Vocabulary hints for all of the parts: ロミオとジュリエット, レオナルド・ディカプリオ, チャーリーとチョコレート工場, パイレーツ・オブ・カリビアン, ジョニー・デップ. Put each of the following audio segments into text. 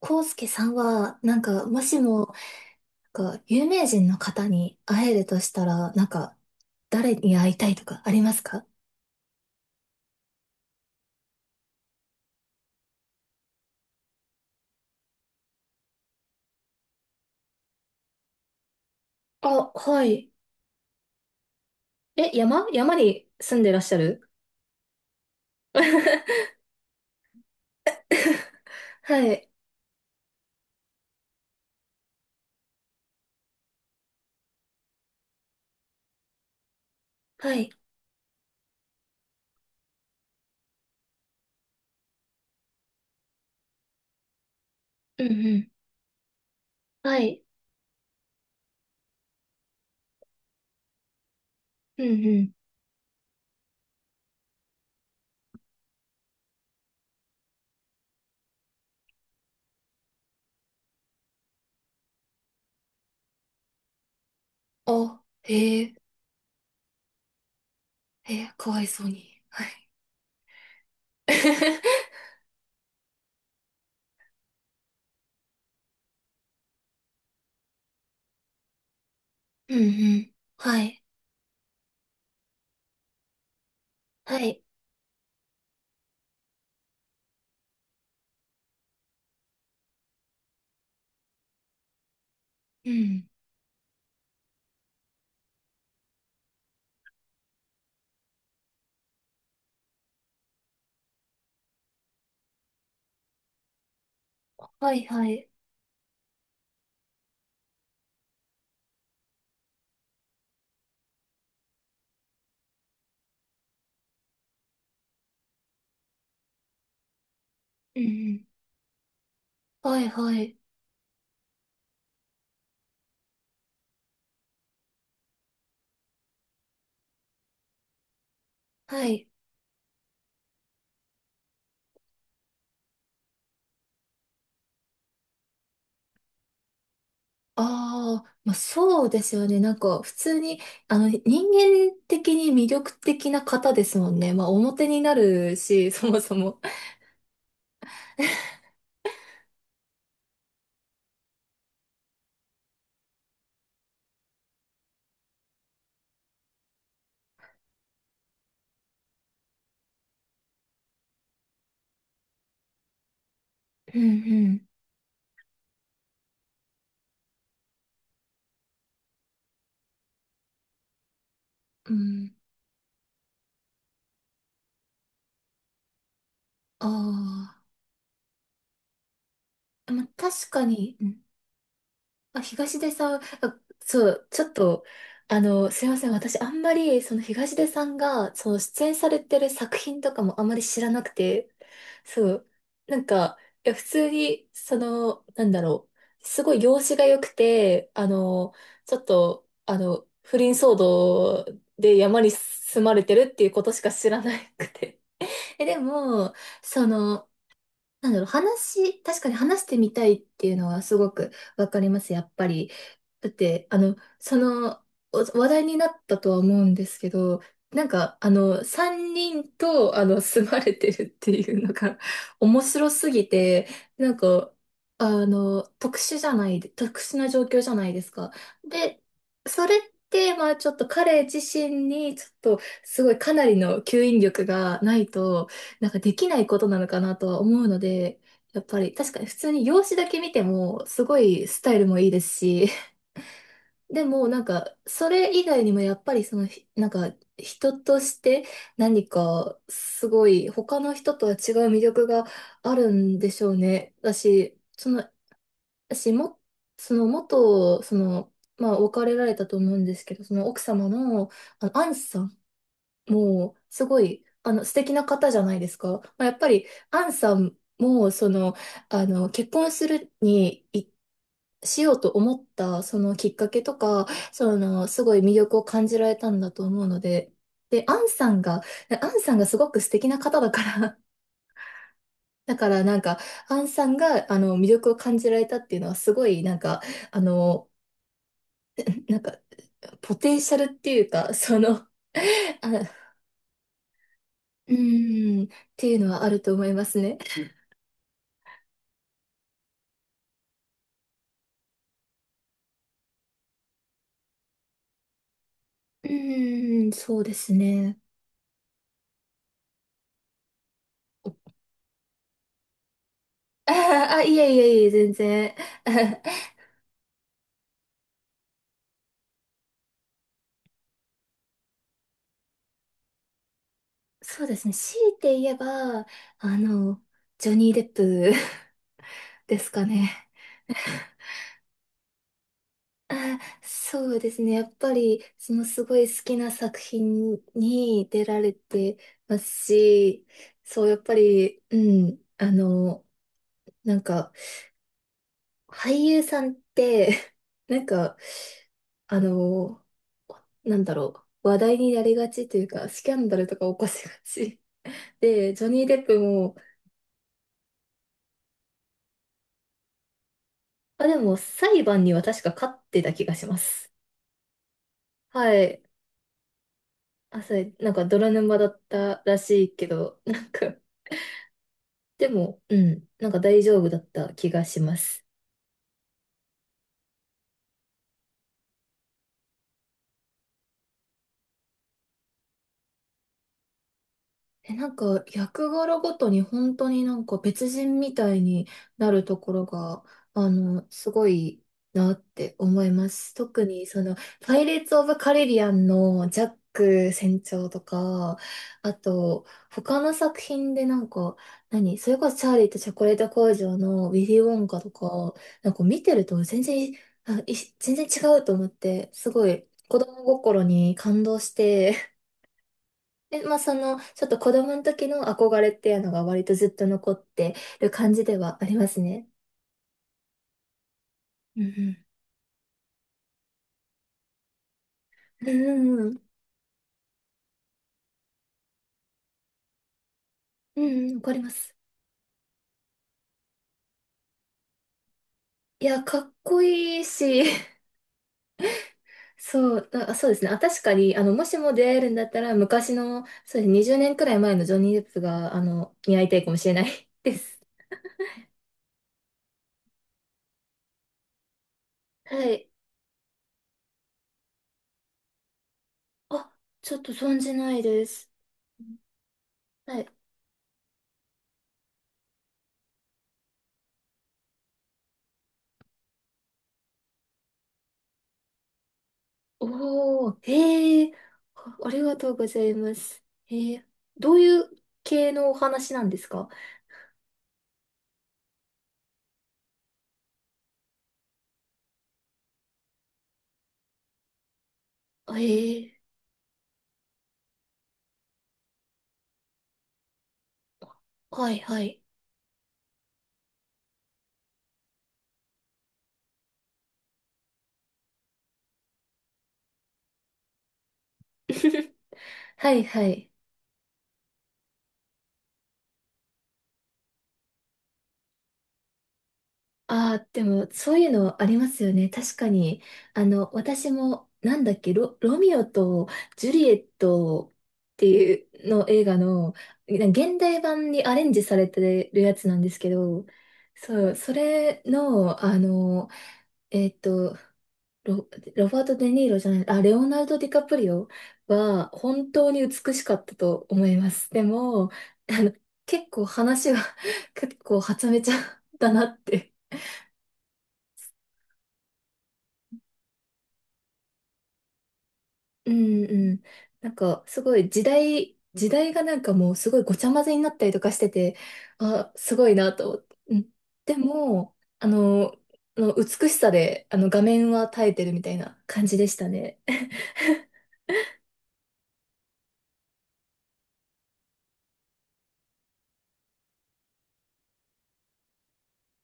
コウスケさんは、もしも、有名人の方に会えるとしたら、誰に会いたいとかありますか？あ、はい。え、山に住んでらっしゃる？ はい、はい。うんうん。はい。うんうん。あ、へえ。へえ、かわいそうに。はい。うんうん。はい、はい。うん。はい、はい。うんうん。はい、はい、はい。ああ、まあ、そうですよね。普通に、人間的に魅力的な方ですもんね。まあ、表になるし、そもそも。うんうん。うん。ああ。まあ、確かに、うん。あ、東出さん、あ、そう、ちょっと、すいません。私、あんまり、その東出さんが、その出演されてる作品とかもあんまり知らなくて、そう。なんか、いや、普通に、その、すごい容姿が良くて、ちょっと、不倫騒動で山に住まれてるっていうことしか知らなくて。え、でも、その、話、確かに話してみたいっていうのはすごくわかります、やっぱり。だって、あの、その、お話題になったとは思うんですけど、3人と、あの、住まれてるっていうのが 面白すぎて、なんか、特殊じゃない、特殊な状況じゃないですか。で、それって、まあ、ちょっと彼自身に、ちょっと、すごいかなりの吸引力がないと、なんかできないことなのかなとは思うので、やっぱり、確かに普通に容姿だけ見ても、すごいスタイルもいいですし、でも、それ以外にもやっぱりその、ひなんか、人として何か、すごい、他の人とは違う魅力があるんでしょうね。だし、その、私も、その、元、その、まあ、別れられたと思うんですけど、その奥様の、あの、アンさん、もう、すごい、あの、素敵な方じゃないですか。まあ、やっぱり、アンさんも、その、あの、結婚するに、いしようと思った、そのきっかけとか、その、すごい魅力を感じられたんだと思うので、で、アンさんがすごく素敵な方だから、だからなんか、アンさんが、あの、魅力を感じられたっていうのは、すごい、あの、なんか、ポテンシャルっていうか、その、あ、っていうのはあると思いますね。うーん、そうですね。あーあ、いえいえいえ、全然。そうですね。強いて言えば、あの、ジョニー・デップ ですかね。あ、そうですね。やっぱり、そのすごい好きな作品に出られてますし、そう、やっぱり、うん、なんか、俳優さんって、なんか、あの、なんだろう、話題になりがちというか、スキャンダルとか起こしがち。で、ジョニー・デップも、あ、でも裁判には確か勝ってた気がします。はい。あ、それ、なんか泥沼だったらしいけど、でも、うん、なんか大丈夫だった気がします。え、なんか、役柄ごとに本当になんか別人みたいになるところが、あの、すごいなって思います。特にその、パイレーツ・オブ・カリビアンのジャック船長とか、あと、他の作品でなんか、何、それこそチャーリーとチョコレート工場のウィリー・ウォンカとか、なんか見てると全然、全然違うと思って、すごい子供心に感動して、で、まあ、その、ちょっと子供の時の憧れっていうのが割とずっと残ってる感じではありますね。うんうん。うんわかります。いや、かっこいいし、そう、あ、そうですね。あ、確かに、もしも出会えるんだったら、昔の、そうですね、20年くらい前のジョニー・デップが、に会いたいかもしれない です。はい。あ、ちょっと存じないです。はい。おー、へえ。あ、ありがとうございます。へえ。どういう系のお話なんですか？へえ。はいはい。はいはい。ああ、でも、そういうのありますよね。確かに。あの、私も、なんだっけ、ロミオとジュリエットっていうの映画の、な現代版にアレンジされてるやつなんですけど、そう、それの、あの、えっと、ロ、ロバート・デ・ニーロじゃない、あ、レオナルド・ディカプリオは本当に美しかったと思います。でも、あの、結構話は 結構はちゃめちゃだなって。うんうん。なんか、すごい時代、時代がなんかもうすごいごちゃ混ぜになったりとかしてて、あ、すごいなと思って。うん。でも、あの、あの美しさで、あの、画面は耐えてるみたいな感じでしたね。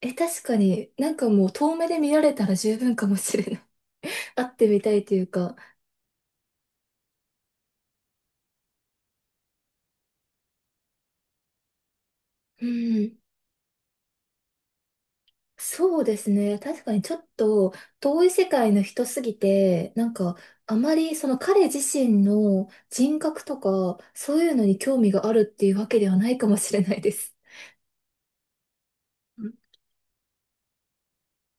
え、確かになんかもう遠目で見られたら十分かもしれない。会ってみたいというか、うん、そうですね。確かにちょっと遠い世界の人すぎて、なんかあまりその彼自身の人格とか、そういうのに興味があるっていうわけではないかもしれないです。うん。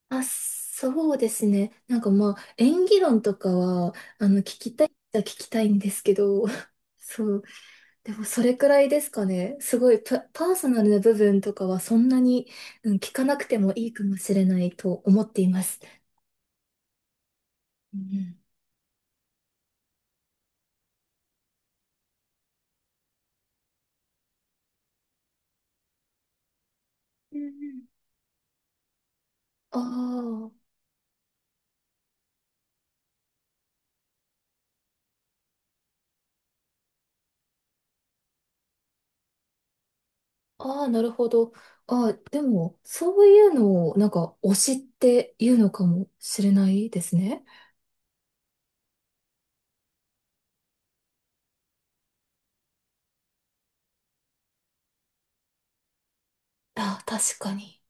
あ、そうですね。なんかまあ、演技論とかは、あの、聞きたいっちゃ聞きたいんですけど、そう、でもそれくらいですかね。すごいパーソナルな部分とかはそんなに、うん、聞かなくてもいいかもしれないと思っています。うんうん。ああ、ああ、なるほど。ああ、でも、そういうのを、なんか、推しっていうのかもしれないですね。ああ、確かに。